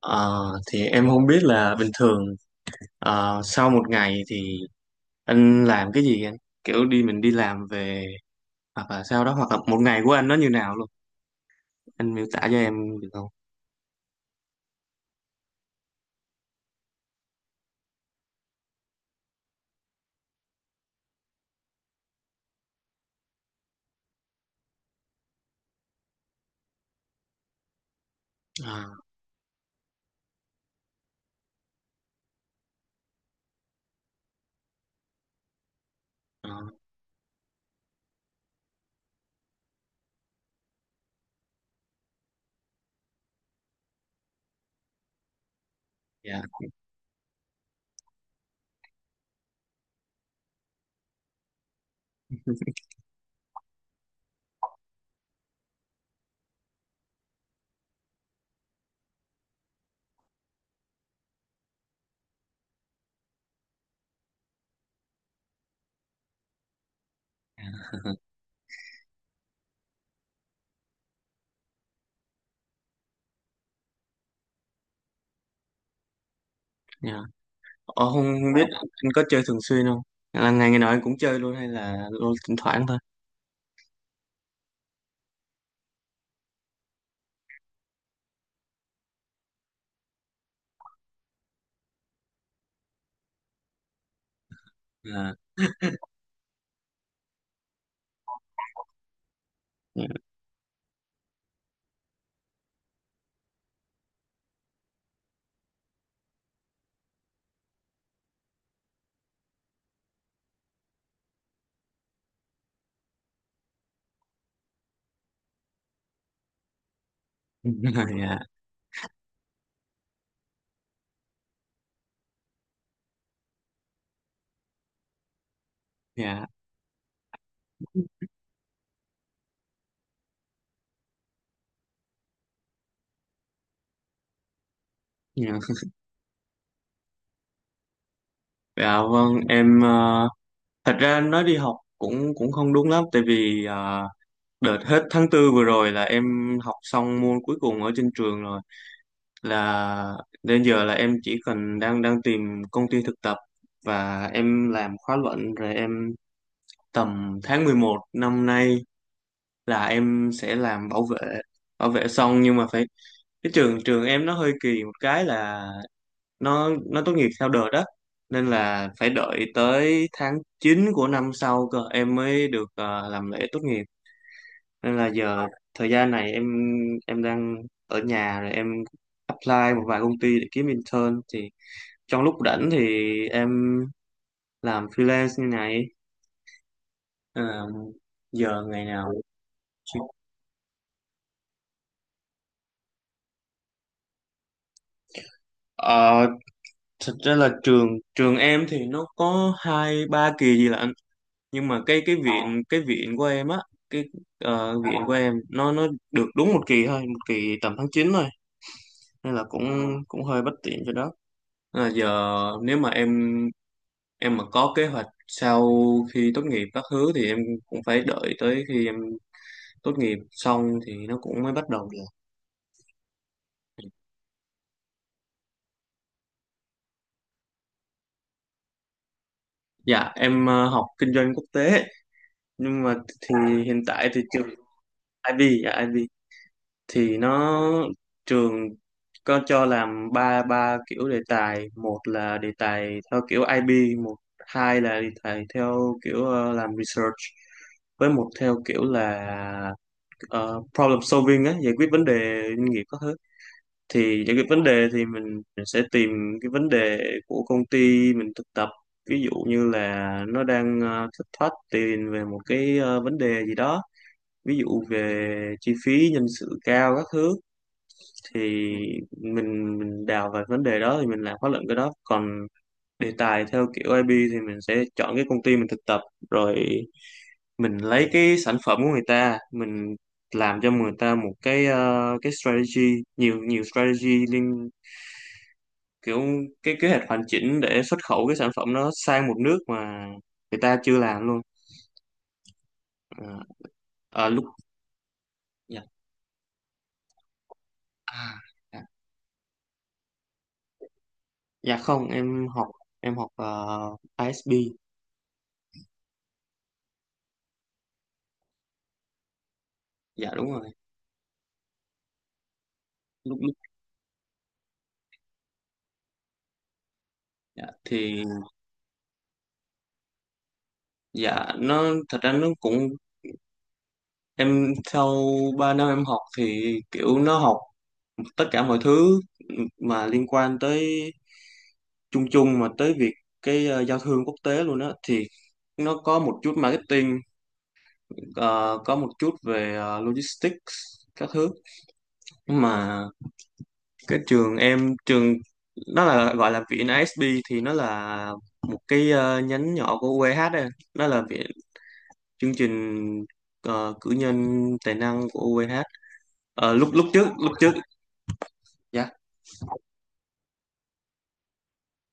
Ờ, thì em không biết là bình thường sau một ngày thì anh làm cái gì anh? Kiểu mình đi làm về, hoặc là sau đó, hoặc là một ngày của anh nó như nào luôn. Anh miêu tả cho em được không? À, à, dạ, dạ. Ờ, không biết anh có chơi thường xuyên không? Là ngày ngày nào anh cũng chơi luôn, hay là thỉnh thoảng thôi? À, dạ, dạ, dạ. Dạ. Dạ vâng, em thật ra nói đi học cũng cũng không đúng lắm, tại vì đợt hết tháng 4 vừa rồi là em học xong môn cuối cùng ở trên trường rồi, là đến giờ là em chỉ cần đang đang tìm công ty thực tập và em làm khóa luận, rồi em tầm tháng 11 năm nay là em sẽ làm bảo vệ. Bảo vệ xong, nhưng mà phải, cái trường trường em nó hơi kỳ một cái là nó tốt nghiệp theo đợt đó, nên là phải đợi tới tháng 9 của năm sau cơ em mới được làm lễ tốt nghiệp. Nên là giờ thời gian này em đang ở nhà, rồi em apply một vài công ty để kiếm intern, thì trong lúc rảnh thì em làm freelance như này. Ờ, Giờ ngày nào chứ. Ờ, Thật ra là trường trường em thì nó có hai ba kỳ gì lận, nhưng mà cái viện, của em á, cái viện của em nó được đúng một kỳ thôi, một kỳ tầm tháng 9 thôi. Nên là cũng cũng hơi bất tiện cho đó. Nên là giờ, nếu mà em mà có kế hoạch sau khi tốt nghiệp các thứ thì em cũng phải đợi tới khi em tốt nghiệp xong thì nó cũng mới bắt đầu được. Dạ, em học kinh doanh quốc tế, nhưng mà thì hiện tại thì trường, IB, dạ IB, thì nó, trường có cho làm ba ba kiểu đề tài. Một là đề tài theo kiểu IB, hai là đề tài theo kiểu làm research, với một theo kiểu là ờ, problem solving á, giải quyết vấn đề doanh nghiệp các thứ. Thì những cái vấn đề thì mình sẽ tìm cái vấn đề của công ty mình thực tập, ví dụ như là nó đang thất thoát tiền về một cái vấn đề gì đó, ví dụ về chi phí nhân sự cao các thứ, thì mình đào về vấn đề đó thì mình làm khóa luận cái đó. Còn đề tài theo kiểu IB thì mình sẽ chọn cái công ty mình thực tập, rồi mình lấy cái sản phẩm của người ta, mình làm cho người ta một cái cái strategy, nhiều nhiều strategy liên, kiểu cái kế hoạch hoàn chỉnh để xuất khẩu cái sản phẩm nó sang một nước mà người ta chưa làm luôn. À, à, lúc, dạ. À, dạ. Dạ không, em học ISB. Dạ đúng rồi. Lúc lúc, dạ. Thì dạ nó, thật ra nó cũng, em sau 3 năm em học thì kiểu nó học tất cả mọi thứ mà liên quan tới, chung chung mà tới việc cái giao thương quốc tế luôn á. Thì nó có một chút marketing, ờ, có một chút về logistics các thứ, nhưng mà cái trường em, trường nó là gọi là viện ISB, thì nó là một cái nhánh nhỏ của UEH đây. Nó là viện, chương trình cử nhân tài năng của UEH. Ờ, lúc lúc trước Lúc trước, dạ,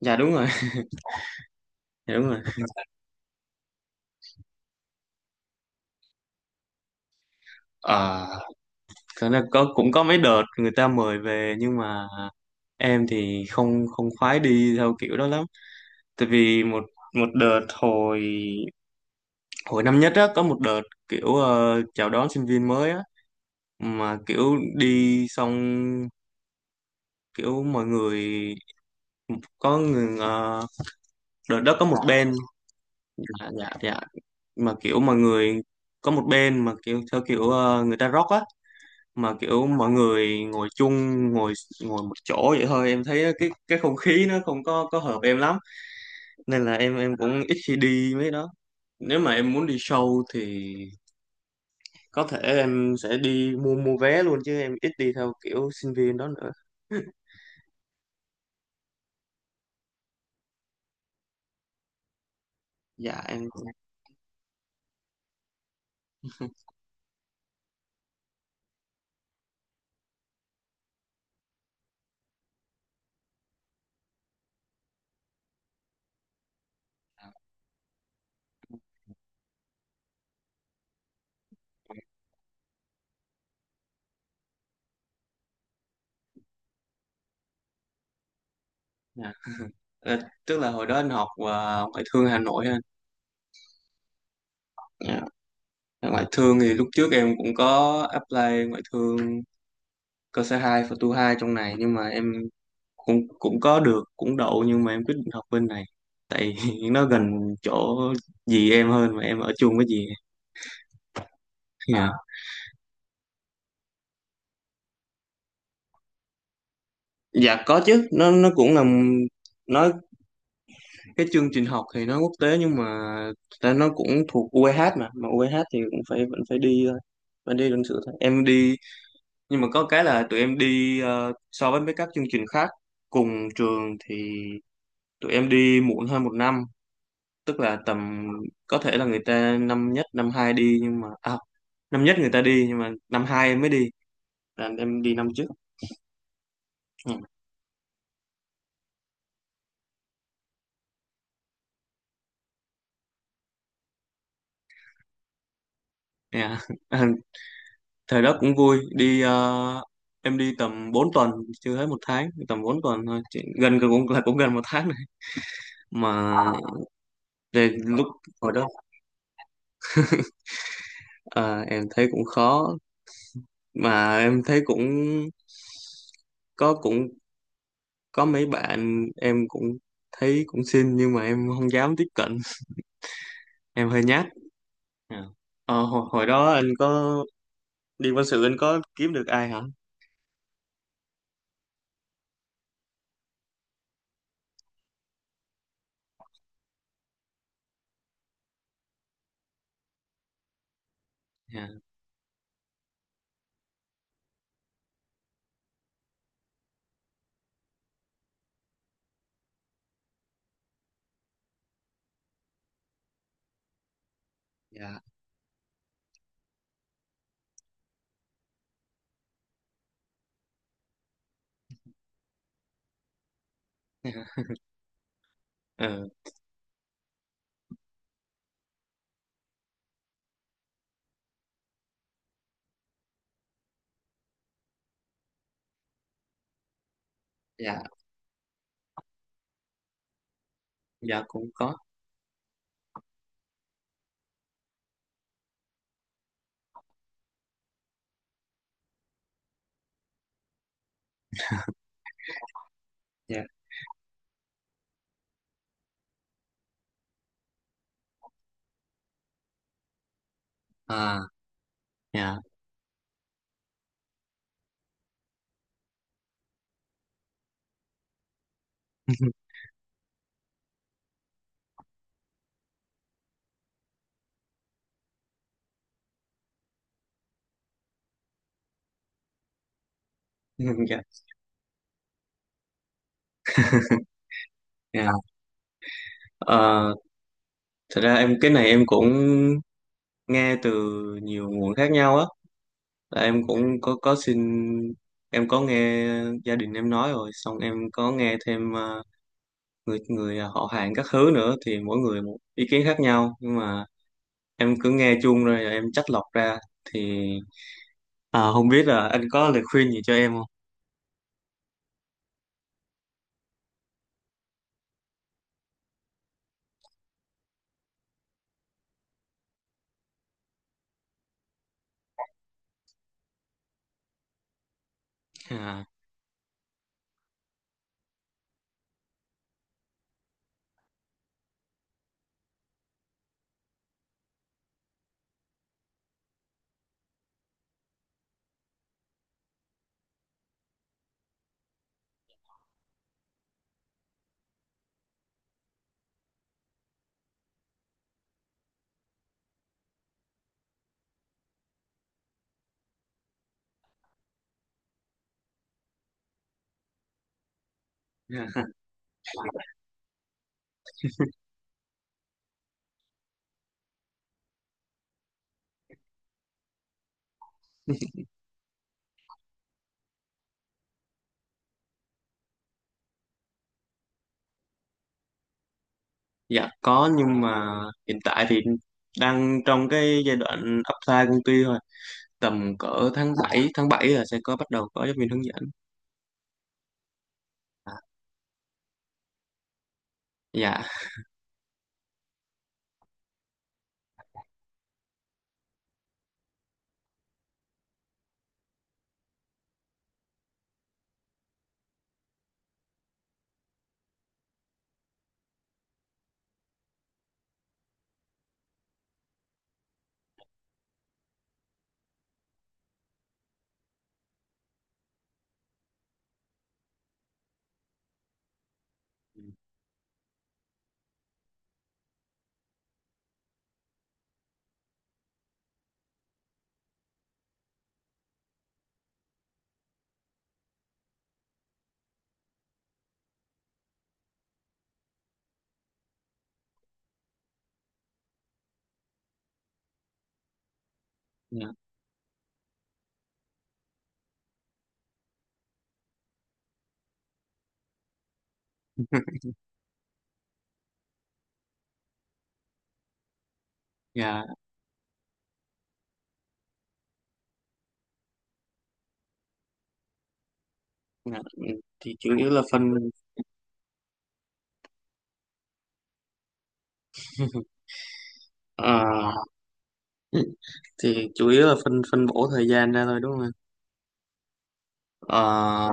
dạ đúng rồi. dạ đúng rồi. Ờ, Thật ra có, cũng có mấy đợt người ta mời về, nhưng mà em thì không không khoái đi theo kiểu đó lắm. Tại vì một, đợt hồi hồi năm nhất á, có một đợt kiểu chào đón sinh viên mới á, mà kiểu đi xong kiểu mọi người có người đợt đó có một bên, dạ dạ dạ, mà kiểu mọi người có một bên mà kiểu theo kiểu người ta rock á, mà kiểu mọi người ngồi chung, ngồi ngồi một chỗ vậy thôi. Em thấy cái không khí nó không có hợp em lắm, nên là em cũng ít khi đi mấy đó. Nếu mà em muốn đi show thì có thể em sẽ đi mua mua vé luôn, chứ em ít đi theo kiểu sinh viên đó nữa. Dạ em. Dạ. Ờ, Tức là hồi đó anh học và ngoại thương Hà Nội ha. Dạ. Ngoại thương thì lúc trước em cũng có apply ngoại thương cơ sở 2, và tu 2 trong này, nhưng mà em cũng cũng có được, cũng đậu, nhưng mà em quyết định học bên này tại nó gần chỗ dì em hơn, mà em ở chung với dì em. Dạ, dạ có chứ, nó cũng là, nó cái chương trình học thì nó quốc tế, nhưng mà ta nó cũng thuộc UEH, mà UEH thì cũng phải, vẫn phải đi thôi. Vẫn đi luận sự thôi, em đi, nhưng mà có cái là tụi em đi so với mấy các chương trình khác cùng trường thì tụi em đi muộn hơn một năm. Tức là tầm, có thể là người ta năm nhất năm hai đi, nhưng mà năm nhất người ta đi nhưng mà năm hai em mới đi, là em đi năm trước. Ừ, yeah. Thời đó cũng vui. Đi em đi tầm 4 tuần, chưa hết một tháng, tầm 4 tuần thôi. Gần gần cũng là, cũng gần một tháng này mà. Về lúc hồi đó ờ, em thấy cũng khó, mà em thấy cũng có, cũng có mấy bạn em cũng thấy cũng xinh, nhưng mà em không dám tiếp cận, em hơi nhát. Dạ. Hồi đó anh có đi quân sự anh có kiếm được ai hả. Dạ, dạ, dạ. Ờ, dạ, dạ cũng có. Dạ, à, dạ, dạ. Yeah. Ờ, Thật ra em, cái này em cũng nghe từ nhiều nguồn khác nhau á. Là em cũng có xin, em có nghe gia đình em nói rồi, xong em có nghe thêm người người họ hàng các thứ nữa, thì mỗi người một ý kiến khác nhau, nhưng mà em cứ nghe chung rồi em chắt lọc ra. Thì ờ, không biết là anh có lời khuyên gì cho em không? À. Dạ có, nhưng mà hiện tại thì đang trong cái giai đoạn apply công ty thôi. Tầm cỡ tháng 7, là sẽ có, bắt đầu có giáo viên hướng dẫn. à, dạ, dạ, dạ, dạ. Ừ, thì chủ yếu là phân, ờ, thì chủ yếu là phân phân bổ thời gian ra thôi, đúng không anh? Ờ.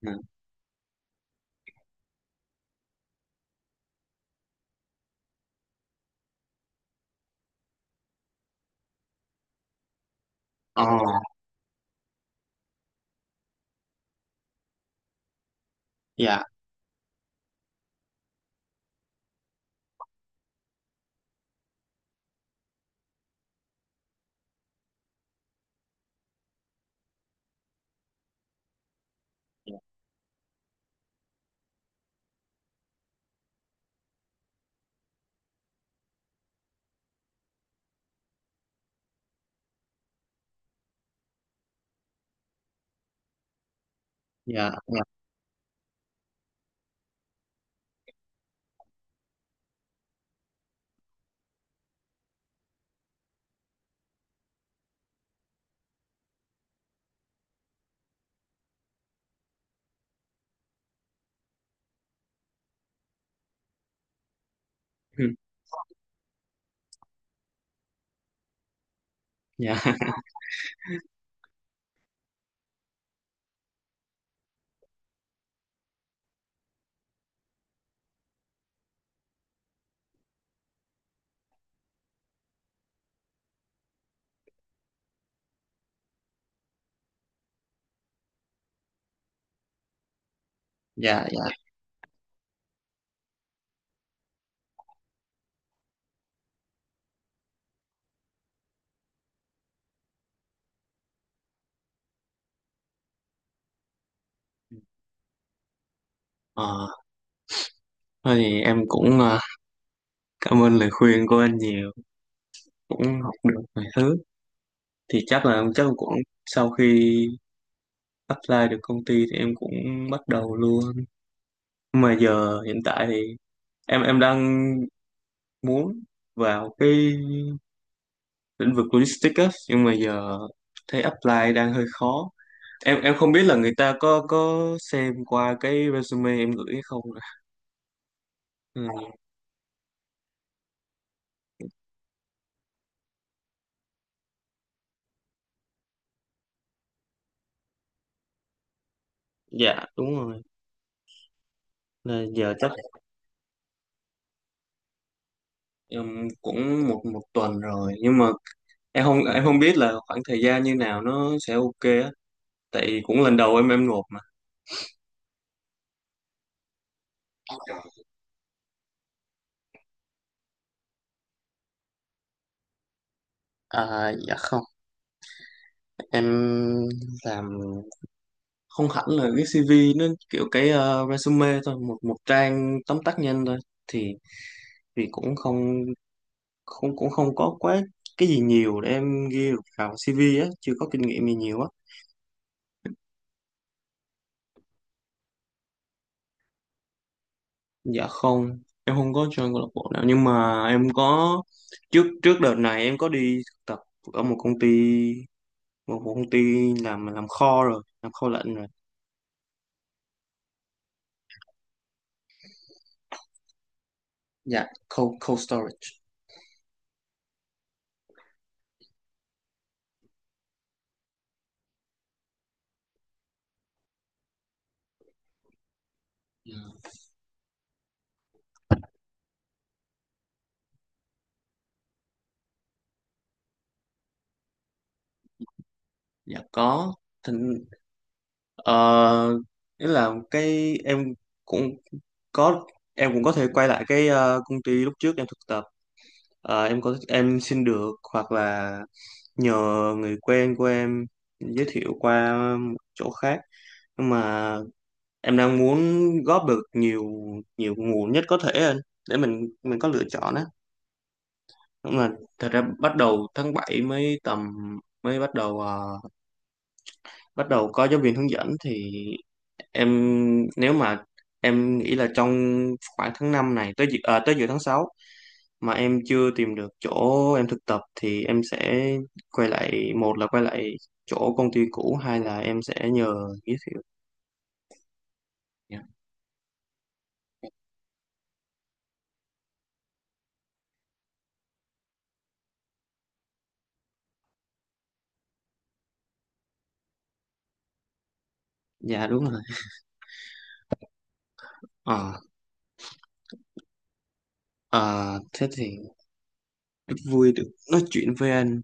Dạ, ờ, dạ, dạ, dạ. Ừ, dạ, dạ, dạ. Ờ thôi thì em cũng cảm ơn lời khuyên của anh nhiều, cũng học được vài thứ. Thì chắc là cũng, sau khi apply được công ty thì em cũng bắt đầu luôn. Mà giờ hiện tại thì em đang muốn vào cái lĩnh vực logistics á, nhưng mà giờ thấy apply đang hơi khó, em không biết là người ta có xem qua cái resume em gửi hay không. Ừ, dạ đúng rồi. Là giờ chắc em cũng một một tuần rồi, nhưng mà em không biết là khoảng thời gian như nào nó sẽ ok á, tại cũng lần đầu em nộp mà. À, dạ không, em làm không hẳn là cái CV, nó kiểu cái resume thôi, một một trang tóm tắt nhanh thôi. Thì cũng không, cũng không có quá cái gì nhiều để em ghi được vào CV á, chưa có kinh nghiệm gì nhiều á. Dạ không, em không có join câu lạc bộ nào, nhưng mà em có, trước trước đợt này em có đi thực tập ở một công ty, một công ty làm kho rồi, làm kho lạnh rồi. Dạ, cold cold storage. Dạ, dạ có. Thỉnh- Ờ, Nghĩa là cái em, cũng có em cũng có thể quay lại cái công ty lúc trước em thực tập. Ờ, em có Em xin được, hoặc là nhờ người quen của em giới thiệu qua một chỗ khác, nhưng mà em đang muốn góp được nhiều nhiều nguồn nhất có thể lên để mình có lựa chọn á. Nhưng mà thật ra bắt đầu tháng 7 mới tầm, mới bắt đầu bắt đầu có giáo viên hướng dẫn. Thì em, nếu mà em nghĩ là trong khoảng tháng 5 này tới tới giữa tháng 6 mà em chưa tìm được chỗ em thực tập thì em sẽ quay lại, một là quay lại chỗ công ty cũ, hai là em sẽ nhờ giới thiệu. Dạ. Dạ, đúng rồi. ờ ờ, Thế thì rất vui được nói chuyện với anh.